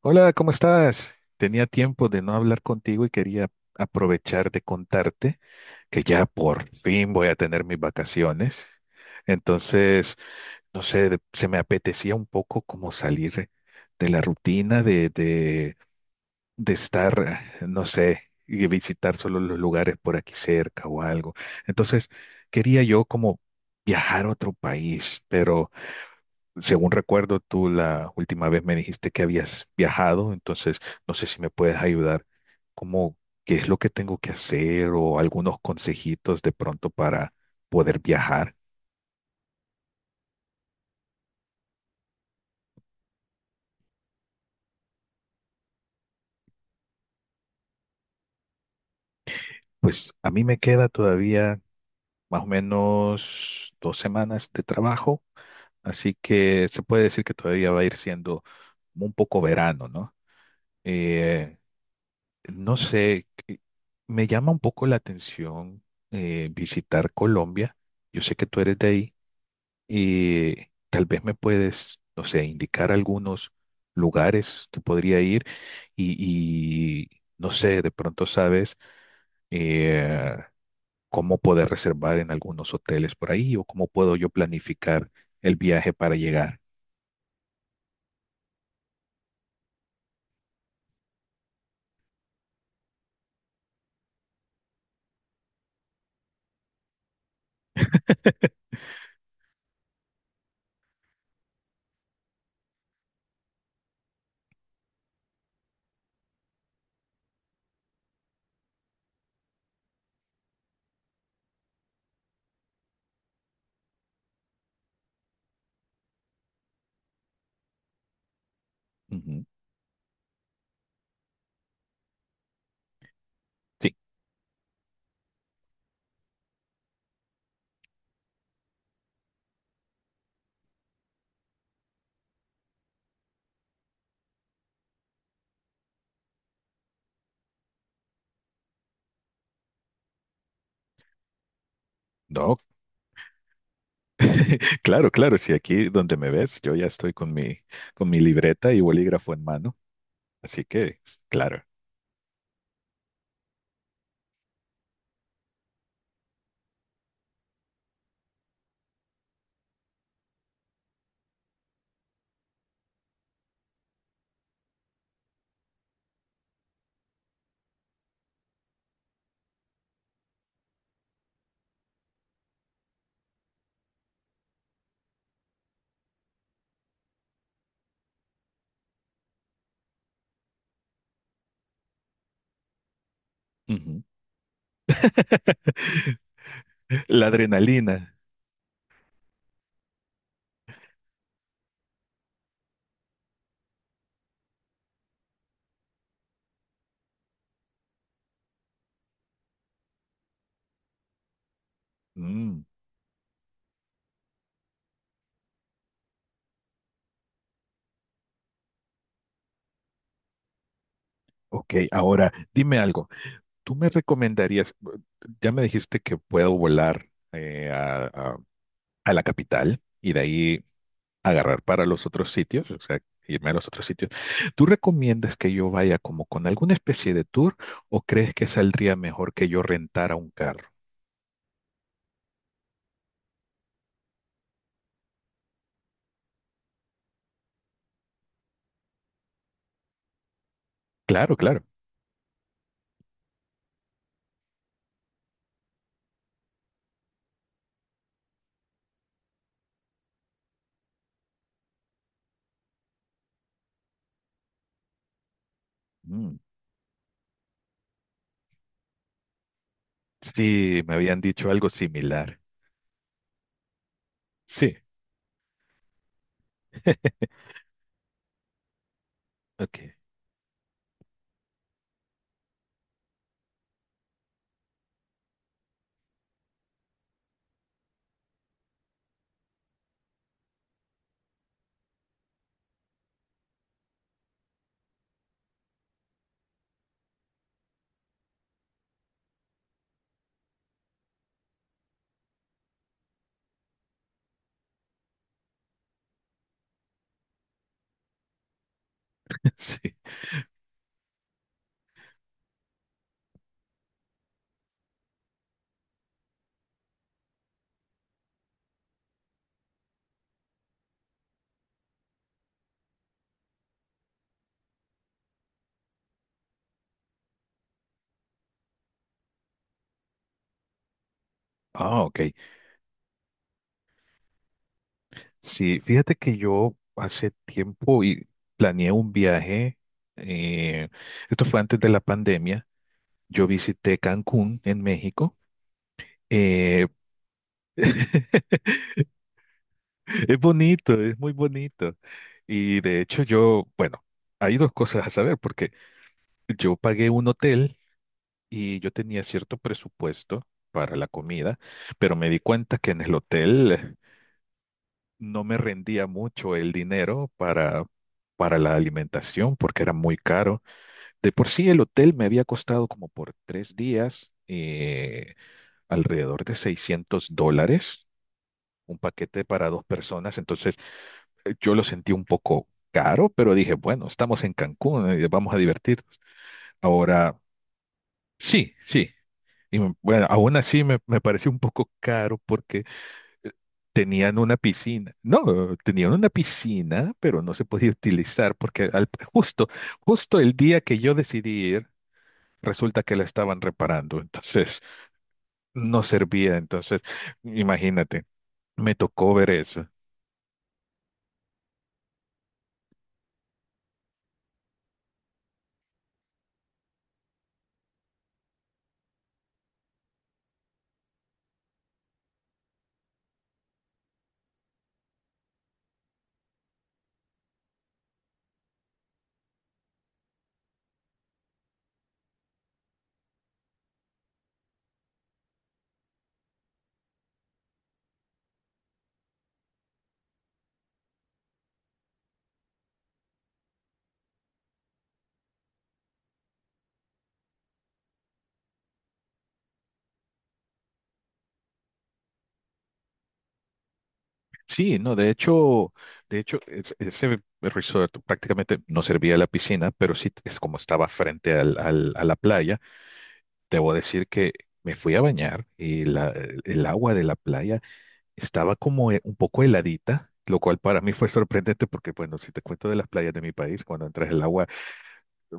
Hola, ¿cómo estás? Tenía tiempo de no hablar contigo y quería aprovechar de contarte que ya por fin voy a tener mis vacaciones. Entonces, no sé, se me apetecía un poco como salir de la rutina de estar, no sé, y visitar solo los lugares por aquí cerca o algo. Entonces, quería yo como viajar a otro país, pero según recuerdo, tú la última vez me dijiste que habías viajado, entonces no sé si me puedes ayudar, como qué es lo que tengo que hacer o algunos consejitos de pronto para poder viajar. Pues a mí me queda todavía más o menos 2 semanas de trabajo, así que se puede decir que todavía va a ir siendo un poco verano, ¿no? Eh, no sé, me llama un poco la atención visitar Colombia. Yo sé que tú eres de ahí. Y tal vez me puedes, no sé, indicar algunos lugares que podría ir y, y, no sé, de pronto sabes eh, cómo poder reservar en algunos hoteles por ahí o cómo puedo yo planificar el viaje para llegar. Ujú. Sí, no, claro, claro, sí, aquí donde me ves, yo ya estoy con mi libreta y bolígrafo en mano, así que, claro. Ujú. La adrenalina. Ok, ahora dime algo. ¿Tú me recomendarías, ya me dijiste que puedo volar a la capital y de ahí agarrar para los otros sitios, o sea, irme a los otros sitios? ¿Tú recomiendas que yo vaya como con alguna especie de tour o crees que saldría mejor que yo rentara un carro? Claro, claro. Mm. Sí, me habían dicho algo similar. Sí, ok, sí. Ah, ok. Sí, fíjate que yo hace tiempo y planeé un viaje, eh, esto fue antes de la pandemia, yo visité Cancún en México. eh, es bonito, es muy bonito. Y de hecho yo, bueno, hay dos cosas a saber, porque yo pagué un hotel y yo tenía cierto presupuesto para la comida, pero me di cuenta que en el hotel no me rendía mucho el dinero para la alimentación porque era muy caro. De por sí el hotel me había costado como por 3 días alrededor de $600, un paquete para 2 personas, entonces yo lo sentí un poco caro, pero dije, bueno, estamos en Cancún, vamos a divertirnos. Ahora, sí, sí, bueno, aún así me pareció un poco caro porque eh, tenían una piscina, no, tenían una piscina, pero no se podía utilizar porque justo, justo el día que yo decidí ir, resulta que la estaban reparando, entonces no servía. Entonces, imagínate, me tocó ver eso. Sí, no, de hecho, ese resort prácticamente no servía a la piscina, pero sí es como estaba frente a la playa. Debo decir que me fui a bañar y el el agua de la playa estaba como un poco heladita, lo cual para mí fue sorprendente porque, bueno, si te cuento de las playas de mi país, cuando entras el agua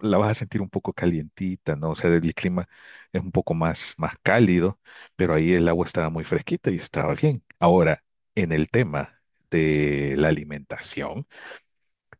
la vas a sentir un poco calientita, ¿no? O sea, el clima es un poco más, más cálido, pero ahí el agua estaba muy fresquita y estaba bien. Ahora, en el tema de la alimentación,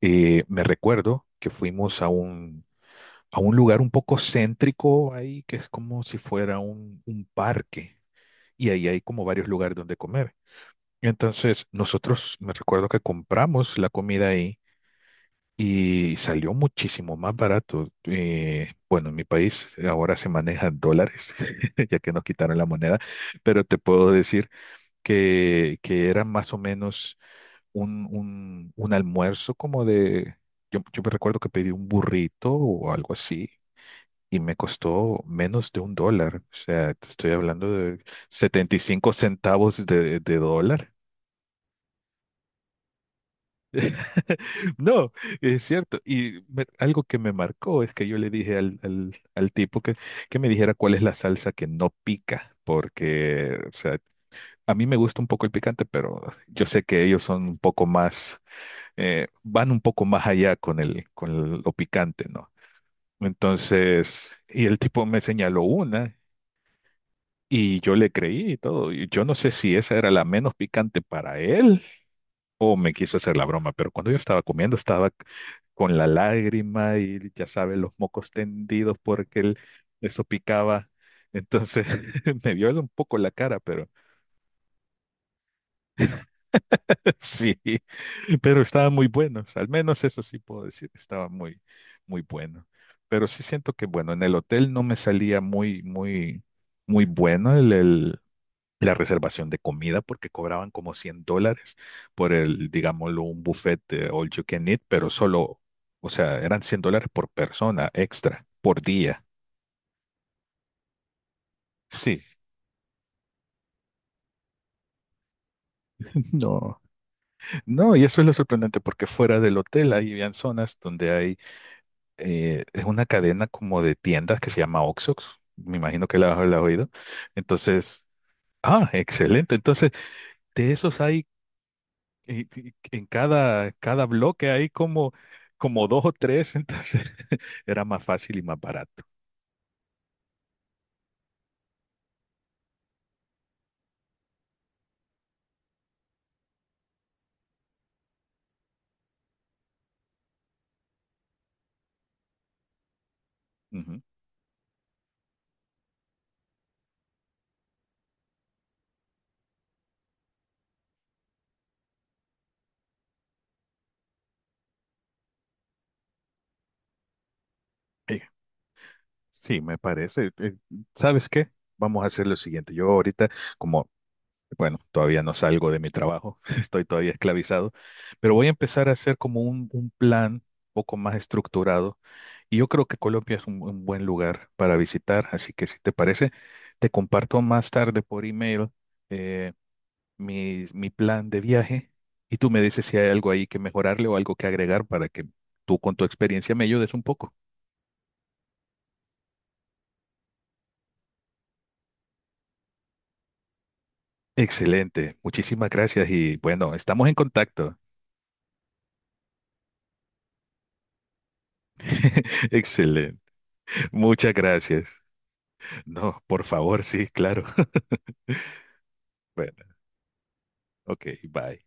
me recuerdo que fuimos a un lugar un poco céntrico ahí, que es como si fuera un parque, y ahí hay como varios lugares donde comer. Entonces, nosotros me recuerdo que compramos la comida ahí y salió muchísimo más barato. Bueno, en mi país ahora se maneja dólares, ya que nos quitaron la moneda, pero te puedo decir que era más o menos un almuerzo como de... Yo me recuerdo que pedí un burrito o algo así y me costó menos de un dólar. O sea, te estoy hablando de 75 centavos de dólar. No, es cierto. Algo que me marcó es que yo le dije al tipo que me dijera cuál es la salsa que no pica, porque, o sea, a mí me gusta un poco el picante, pero yo sé que ellos son un poco más, van un poco más allá con el, con lo picante, ¿no? Entonces, y el tipo me señaló una y yo le creí y todo. Y yo no sé si esa era la menos picante para él o me quiso hacer la broma, pero cuando yo estaba comiendo estaba con la lágrima y ya sabes, los mocos tendidos porque él, eso picaba. Entonces me vio un poco la cara, pero sí, pero estaba muy bueno. O sea, al menos eso sí puedo decir, estaba muy, muy bueno. Pero sí siento que, bueno, en el hotel no me salía muy bueno la reservación de comida porque cobraban como $100 por el, digámoslo, un buffet de all you can eat, pero solo, o sea, eran $100 por persona extra, por día. Sí. No. No, y eso es lo sorprendente porque fuera del hotel hay habían zonas donde hay, es una cadena como de tiendas que se llama Oxox, me imagino que la has oído. Entonces, ah, excelente. Entonces, de esos hay y- en cada bloque hay como, como dos o tres, entonces era más fácil y más barato. Ujú. Eh, Sí, me parece. ¿Sabes qué? Vamos a hacer lo siguiente. Yo ahorita, como, bueno, todavía no salgo de mi trabajo, estoy todavía esclavizado, pero voy a empezar a hacer como un plan un poco más estructurado y yo creo que Colombia es un buen lugar para visitar, así que si te parece, te comparto más tarde por email. eh, mi plan de viaje y tú me dices si hay algo ahí que mejorarle o algo que agregar para que tú con tu experiencia me ayudes un poco. Excelente, muchísimas gracias y bueno, estamos en contacto. Excelente, muchas gracias. No, por favor, sí, claro. Bueno, ok, bye.